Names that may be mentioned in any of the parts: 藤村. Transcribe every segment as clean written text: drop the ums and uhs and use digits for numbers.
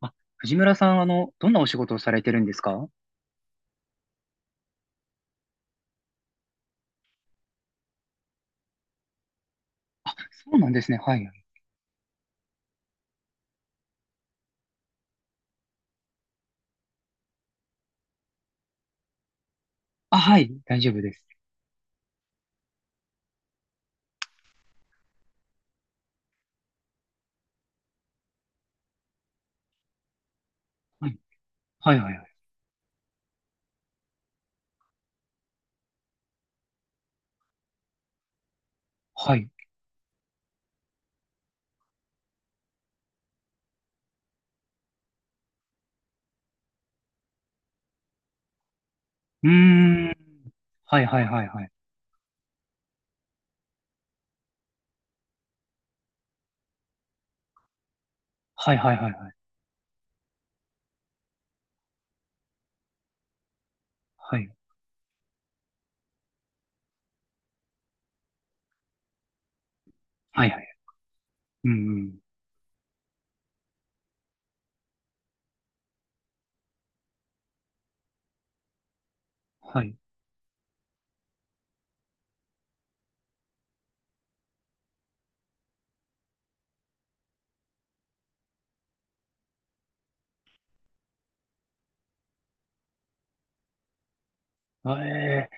あ、藤村さん、どんなお仕事をされてるんですか？そうなんですね。はい。あ、はい。大丈夫です。はい。はい、はい、はい。はい。うーん。はい、はい、はい、はい。はい、はい、はい、はい。はい、はい、はい。うん、うん。はい。あえ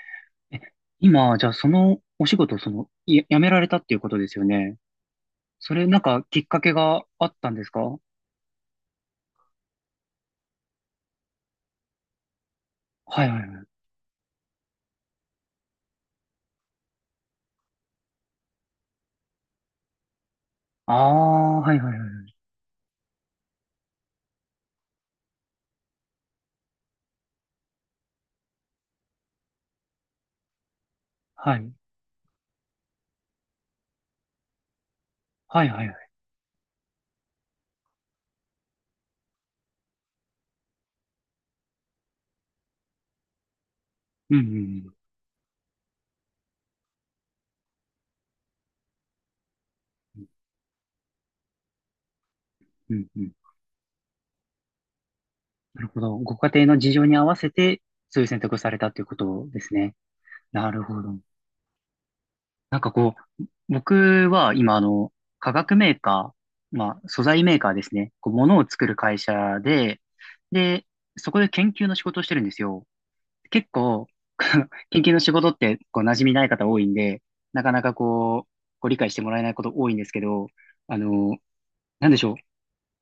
ーえ、今、じゃあ、そのお仕事、その、やめられたっていうことですよね。それ、きっかけがあったんですか？はい、はい、はい。ああ、はい、はい、はい。はい。はい、はい、はい。うん、うん、うん。うん、うん。なるほど。ご家庭の事情に合わせて、そういう選択をされたということですね。なるほど。なんかこう、僕は今、化学メーカー、まあ、素材メーカーですね。こう、物を作る会社で、そこで研究の仕事をしてるんですよ。結構、研究の仕事って、こう、馴染みない方多いんで、なかなかこう、ご理解してもらえないこと多いんですけど、あの、なんでしょう。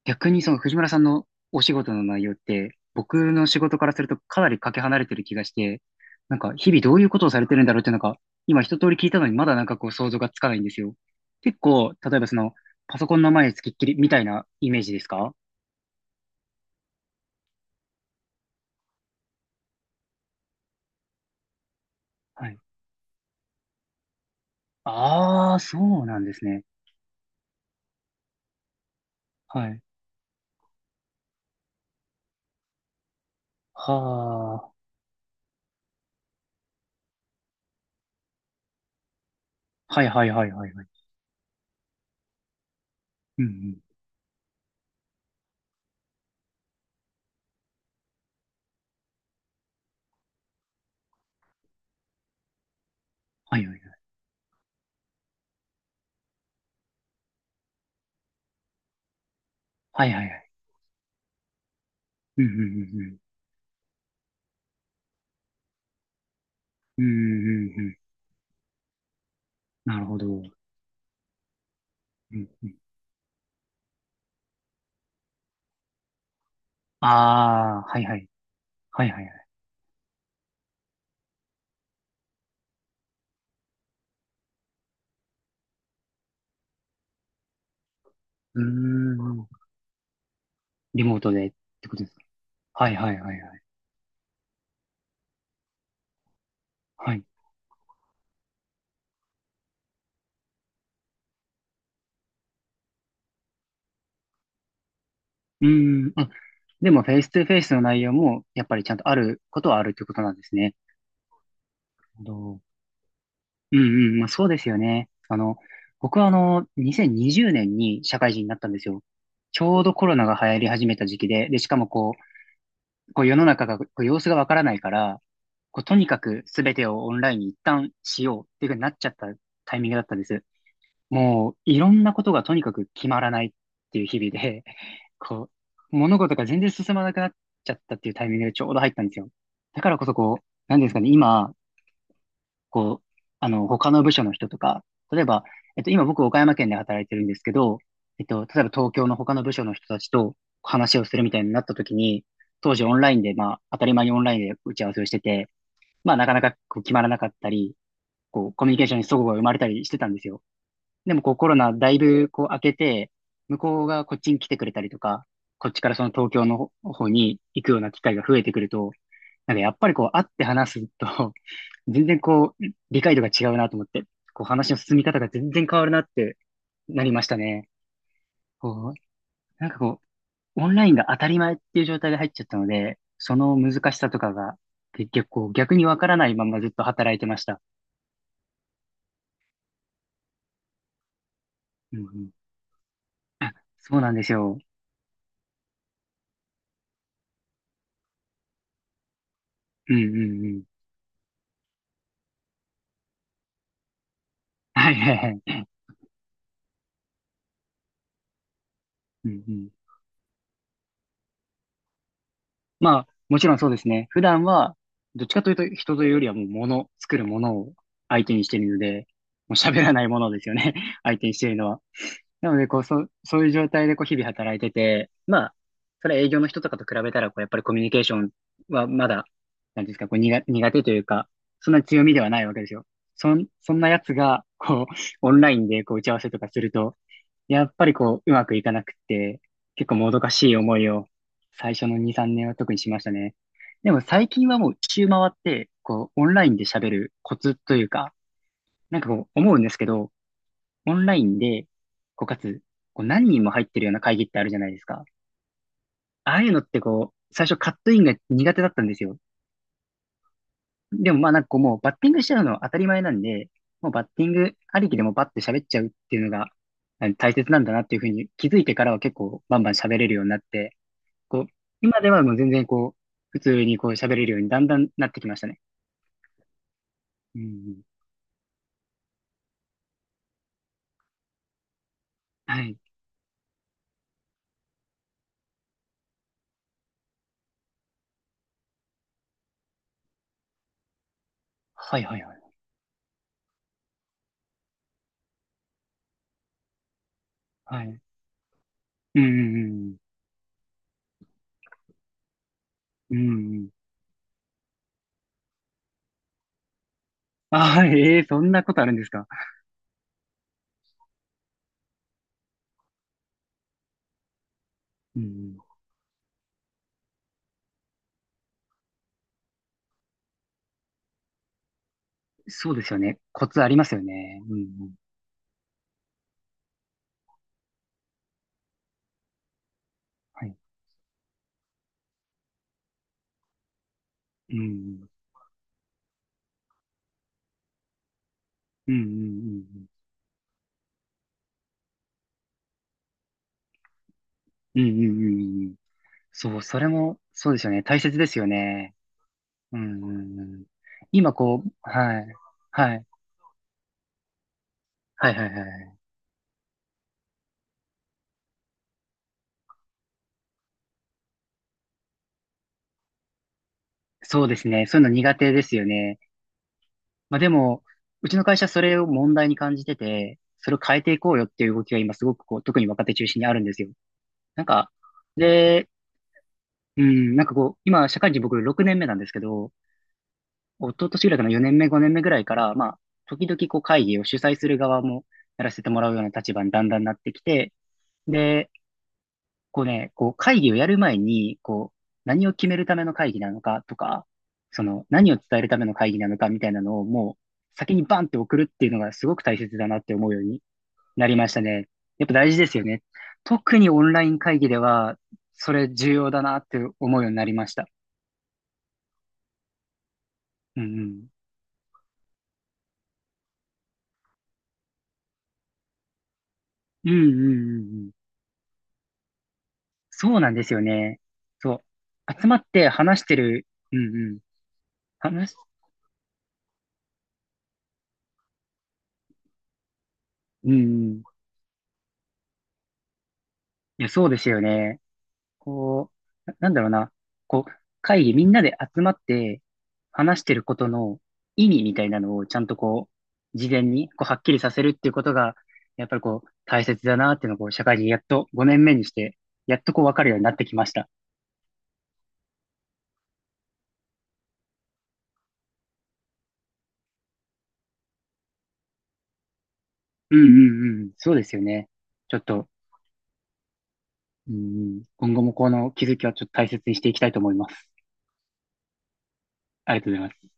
逆にその藤村さんのお仕事の内容って、僕の仕事からするとかなりかけ離れてる気がして、なんか日々どういうことをされてるんだろうってなんか、今一通り聞いたのにまだなんかこう想像がつかないんですよ。結構、例えばその、パソコンの前につきっきりみたいなイメージですか？はい。ああ、そうなんですね。はい。はあ。はいはいはいはいはい。うんうん。はいはいはい。はいはいはい。うんうんうんうん。うんうんうんうん。なるほど。うんうん。ああ、はいはい。はいはいはい。うーん。リモートでってことですか？はいはいはいはい。はい。うーん。あ、でもフェイストゥフェイスの内容もやっぱりちゃんとあることはあるってことなんですね。なるほど。うんうん。まあそうですよね。僕は2020年にじゅうねんに社会人になったんですよ。ちょうどコロナが流行り始めた時期で、しかもこう世の中が、こう様子がわからないから、こうとにかく全てをオンラインに一旦しようっていうふうになっちゃったタイミングだったんです。もういろんなことがとにかく決まらないっていう日々で、こう、物事が全然進まなくなっちゃったっていうタイミングでちょうど入ったんですよ。だからこそこう、なんですかね、今、こう、他の部署の人とか、例えば、今僕岡山県で働いてるんですけど、例えば東京の他の部署の人たちと話をするみたいになった時に、当時オンラインで、まあ、当たり前にオンラインで打ち合わせをしてて、まあ、なかなかこう決まらなかったり、こう、コミュニケーションに齟齬が生まれたりしてたんですよ。でもこうコロナだいぶこう明けて、向こうがこっちに来てくれたりとか、こっちからその東京の方に行くような機会が増えてくると、なんかやっぱりこう会って話すと、全然こう理解度が違うなと思って、こう話の進み方が全然変わるなってなりましたね。こう、なんかこう、オンラインが当たり前っていう状態で入っちゃったので、その難しさとかが結局こう逆にわからないままずっと働いてました。うんうん、あ、そうなんですよ。うんうんうん。はいはいはい。うんうん。まあ、もちろんそうですね。普段は、どっちかというと人というよりはもう物、作るものを相手にしているので、もう喋らないものですよね。相手にしているのは。なので、こう、そういう状態でこう日々働いてて、まあ、それは営業の人とかと比べたら、こう、やっぱりコミュニケーションはまだ、なんていうんですか、こう、苦手というか、そんな強みではないわけですよ。そんなやつが、こう、オンラインでこう打ち合わせとかすると、やっぱりこう、うまくいかなくって、結構もどかしい思いを最初の2、3年は特にしましたね。でも最近はもう一周回って、こう、オンラインで喋るコツというか、なんかこう、思うんですけど、オンラインで、こう、かつ、こう、何人も入ってるような会議ってあるじゃないですか。ああいうのってこう、最初カットインが苦手だったんですよ。でもまあなんかこう、もうバッティングしちゃうのは当たり前なんで、もうバッティングありきでもバッて喋っちゃうっていうのが、大切なんだなっていうふうに気づいてからは結構バンバン喋れるようになって、こう、今ではもう全然こう、普通にこう喋れるようにだんだんなってきましたね。うんうん。はい。はいはいはい。はい。うんうんうん。うんうん。あ、はい。えーそんなことあるんですか？うんうん。そうですよね。コツありますよね。うんうん。はい。うんうん。うんうんうんうん。うんうんうんうん。そう、それも、そうですよね。大切ですよね。うんうんうん。今こう、はい。はい。はいはいはい。そうですね。そういうの苦手ですよね。まあでも、うちの会社それを問題に感じてて、それを変えていこうよっていう動きが今すごくこう、特に若手中心にあるんですよ。なんか、で、うん、なんかこう、今社会人僕6年目なんですけど、一昨年ぐらいかな4年目5年目ぐらいから、まあ、時々こう会議を主催する側もやらせてもらうような立場にだんだんなってきて、で、こうね、こう会議をやる前に、こう、何を決めるための会議なのかとか、その、何を伝えるための会議なのかみたいなのをもう、先にバンって送るっていうのがすごく大切だなって思うようになりましたね。やっぱ大事ですよね。特にオンライン会議では、それ重要だなって思うようになりました。うんうん。うんうんうんうん。そうなんですよね。そう。集まって話してる。うんうん。話、うんうん。いや、そうですよね。こう、なんだろうな、こう、会議みんなで集まって話してることの意味みたいなのをちゃんとこう、事前にこうはっきりさせるっていうことが、やっぱりこう、大切だなっていうのをこう、社会人やっと5年目にして、やっとこう分かるようになってきました。うんうんうん、そうですよね。ちょっと、うんうん、今後もこの気づきはちょっと大切にしていきたいと思います。ありがとうございます。